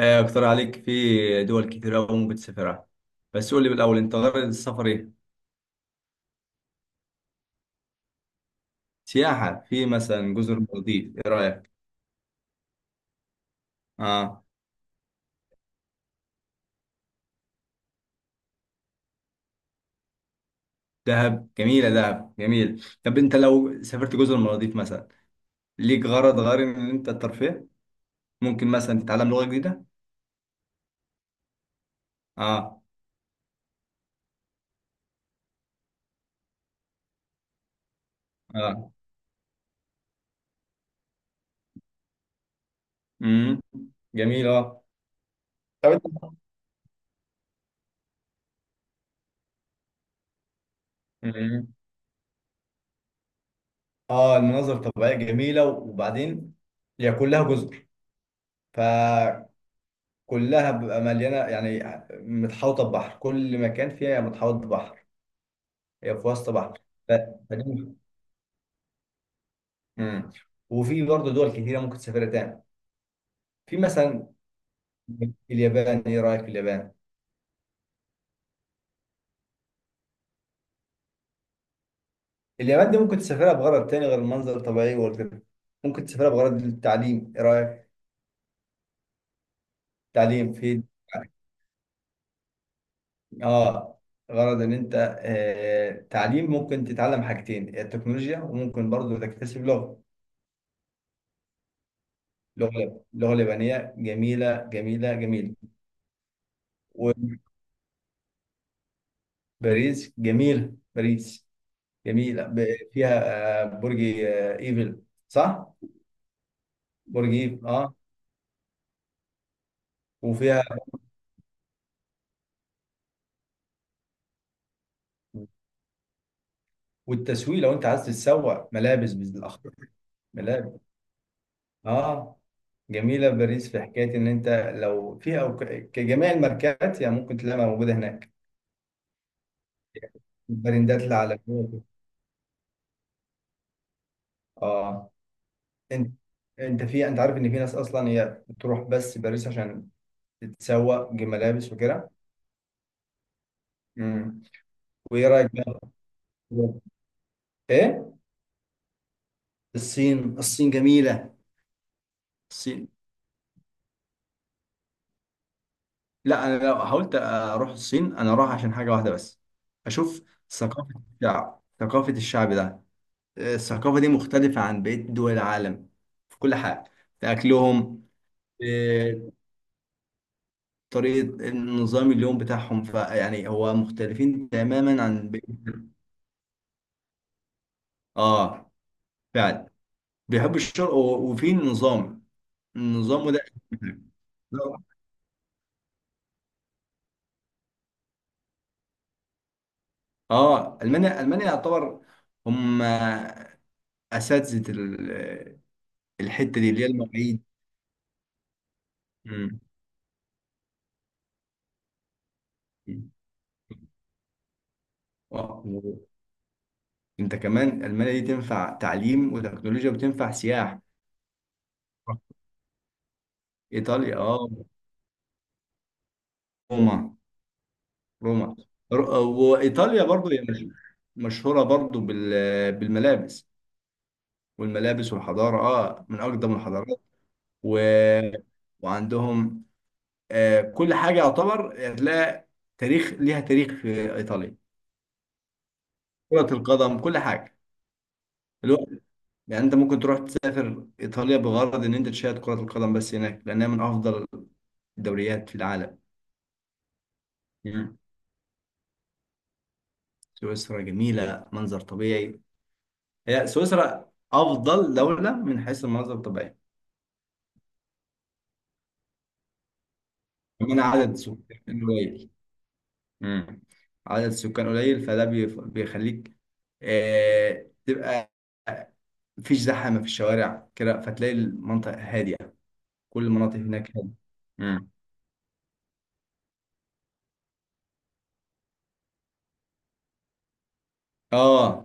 آه، اقترح عليك في دول كتير أوي ممكن تسافرها. بس قول لي بالأول أنت غرض السفر إيه؟ سياحة في مثلا جزر المالديف إيه رأيك؟ آه، دهب جميلة، دهب جميل. طب أنت لو سافرت جزر المالديف مثلا ليك غرض غير إن أنت الترفيه؟ ممكن مثلا تتعلم لغة جديدة؟ آه. آه. امم جميل، آه. طب أنت. امم المناظر الطبيعية جميلة، وبعدين هي كلها جزر. ف كلها بيبقى مليانه، يعني متحوطه ببحر، كل مكان فيها متحوط ببحر. هي في وسط بحر. ف... فدي. مم. وفي برضه دول كتيره ممكن تسافرها تاني. في مثلا اليابان، ايه رايك في اليابان؟ اليابان دي ممكن تسافرها بغرض تاني غير المنظر الطبيعي والكده، ممكن تسافرها بغرض التعليم، ايه رايك؟ تعليم في، اه، غرض ان انت تعليم، ممكن تتعلم حاجتين: التكنولوجيا، وممكن برضه تكتسب لغه لغه اليابانيه جميله جميله جميله. وباريس جميلة، باريس جميلة، فيها برج ايفل، صح؟ برج ايفل، اه. وفيها والتسويق لو انت عايز تتسوق ملابس بالاخر، ملابس، اه، جميلة باريس. في حكاية ان انت لو فيها أو كجميع الماركات يعني ممكن تلاقيها موجودة هناك، البراندات العالمية. اه، انت انت في، انت عارف ان في ناس اصلا هي بتروح بس باريس عشان تتسوق ملابس وكده. امم. وايه رايك بقى؟ ايه؟ الصين. الصين جميلة. الصين. لا، أنا لو حاولت أروح الصين أنا أروح عشان حاجة واحدة بس: أشوف ثقافة الشعب، ثقافة الشعب ده، الثقافة دي مختلفة عن بقية دول العالم، في كل حاجة، في أكلهم، في طريقة النظام اليوم بتاعهم. فيعني هو مختلفين تماما عن بقية. آه، فعلا بيحبوا الشرق وفي نظام، النظام ده. اه، المانيا، المانيا يعتبر هم اساتذه الحته دي اللي هي المواعيد. مم. آه. انت كمان المانيا دي تنفع تعليم وتكنولوجيا وتنفع سياحه. ايطاليا، اه. روما. روما. وايطاليا برضو هي مشهوره برضو بالملابس، والملابس والحضاره، اه، من اقدم الحضارات. و... وعندهم آه كل حاجه يعتبر هتلاقي تاريخ ليها، تاريخ في ايطاليا. كره القدم، كل حاجه. يعني انت ممكن تروح تسافر ايطاليا بغرض ان انت تشاهد كرة القدم بس هناك لانها من افضل الدوريات في العالم. مم. سويسرا جميلة، منظر طبيعي. هي سويسرا افضل دولة من حيث المناظر الطبيعية. كمان عدد سكان قليل. مم. عدد سكان قليل، فده بيخليك تبقى مفيش زحمة في الشوارع كده، فتلاقي المنطقة هادية، كل المناطق هناك هادية. مم. اه،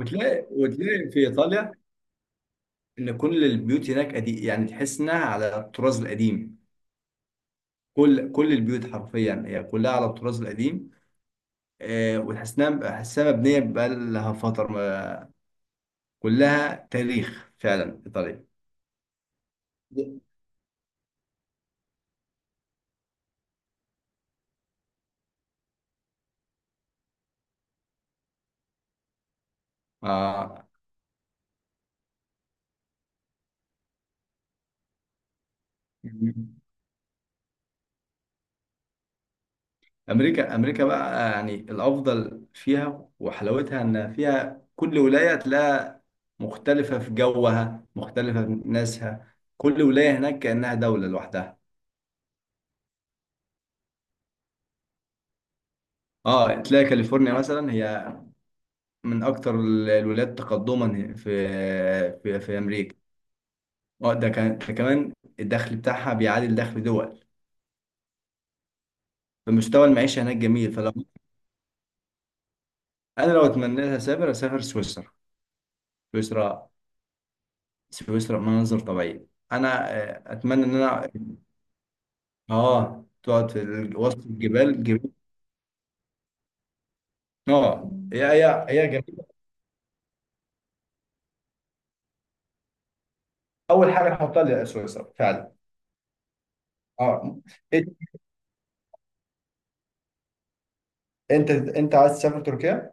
وتلاقي في ايطاليا ان كل البيوت هناك قديم، يعني تحس انها على الطراز القديم. كل البيوت حرفيا هي كلها على الطراز القديم. آه، وتحس انها حاسها مبنيه بقى لها فتره، كلها تاريخ فعلا ايطاليا. آه. امريكا، امريكا بقى يعني الافضل فيها وحلاوتها ان فيها كل ولايه تلاقيها مختلفه في جوها، مختلفه في ناسها، كل ولايه هناك كانها دوله لوحدها. اه، تلاقي كاليفورنيا مثلا هي من اكتر الولايات تقدما في، في امريكا. اه، ده كان، ده كمان الدخل بتاعها بيعادل دخل دول. فمستوى المعيشه هناك جميل. فلو، انا لو اتمنى لها اسافر، اسافر سويسرا. سويسرا. سويسرا مناظر طبيعيه. انا اتمنى ان انا، اه، تقعد في وسط الجبال، الجبال. اه، هي هي هي جميل. اول حاجه احطها لي سويسرا فعلا. اه. إيه- انت عايز تسافر تركيا؟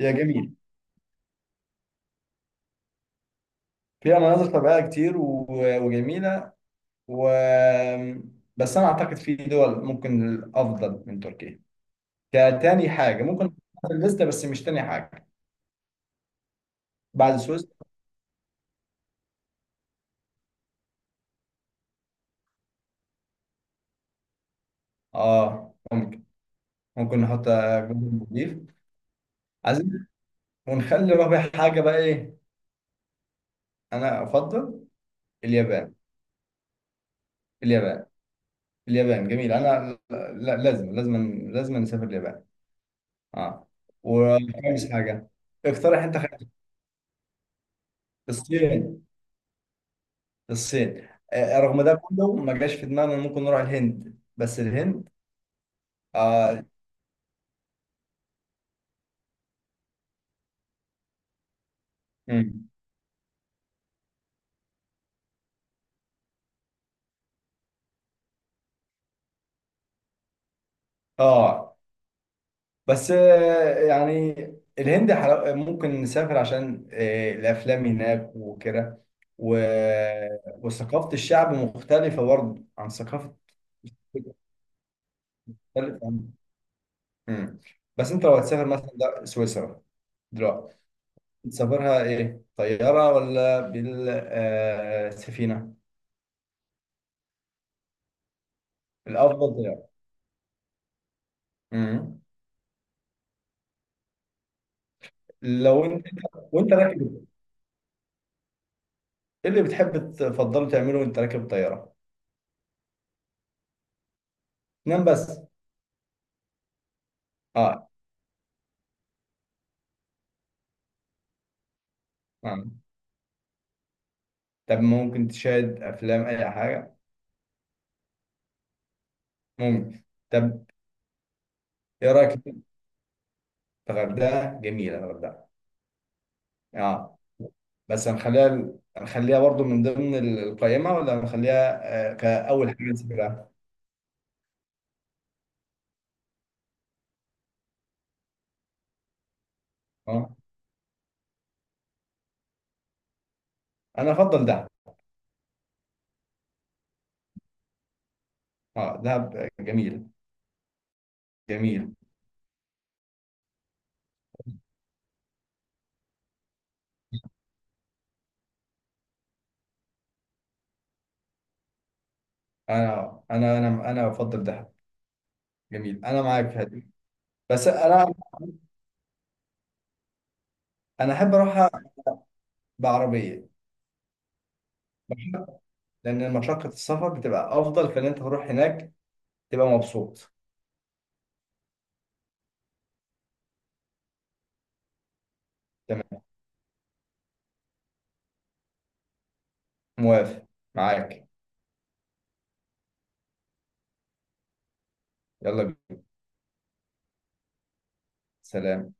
هي جميل فيها مناظر طبيعيه كتير وجميله، و بس انا اعتقد في دول ممكن افضل من تركيا، كتاني حاجه ممكن نحطها في الليسته، بس مش تاني حاجه، بعد سويسرا. اه، ممكن. ممكن نحط جزر المالديف. عايزين ونخلي رابع حاجه بقى ايه؟ انا افضل اليابان. اليابان. اليابان جميل. انا لا، لازم لازم لازم نسافر اليابان. اه. وخامس حاجه، اقترح انت خامس. الصين. الصين، رغم ده كله ما جاش في دماغنا إن ممكن نروح الهند. بس الهند، آه، مم. اه، بس يعني الهند ممكن نسافر عشان الافلام هناك وكده. و... وثقافة الشعب مختلفة برضه عن ثقافة، مختلفة عن... مم. بس انت لو هتسافر مثلا ده سويسرا دلوقتي، تسافرها ايه، طيارة ولا بالسفينة؟ الافضل طيارة. مم. لو انت، وانت راكب، ايه اللي بتحب تفضله تعمله وانت راكب الطيارة؟ نام بس؟ اه. آه. طب ممكن تشاهد افلام، اي حاجه. ممكن. طب ايه رايك في الغردقه؟ جميله الغردقه. اه. بس هنخليها، هنخليها برضو من ضمن القائمه، ولا هنخليها كاول حاجه نسافرها؟ اه، انا افضل دهب. اه، دهب جميل. جميل. انا بفضل دهب. جميل، انا معاك في هذه. بس انا، انا احب اروحها بعربيه، لان مشقه السفر بتبقى افضل فان انت تروح هناك تبقى مبسوط. تمام، موافق، معاك. يلا بينا. سلام.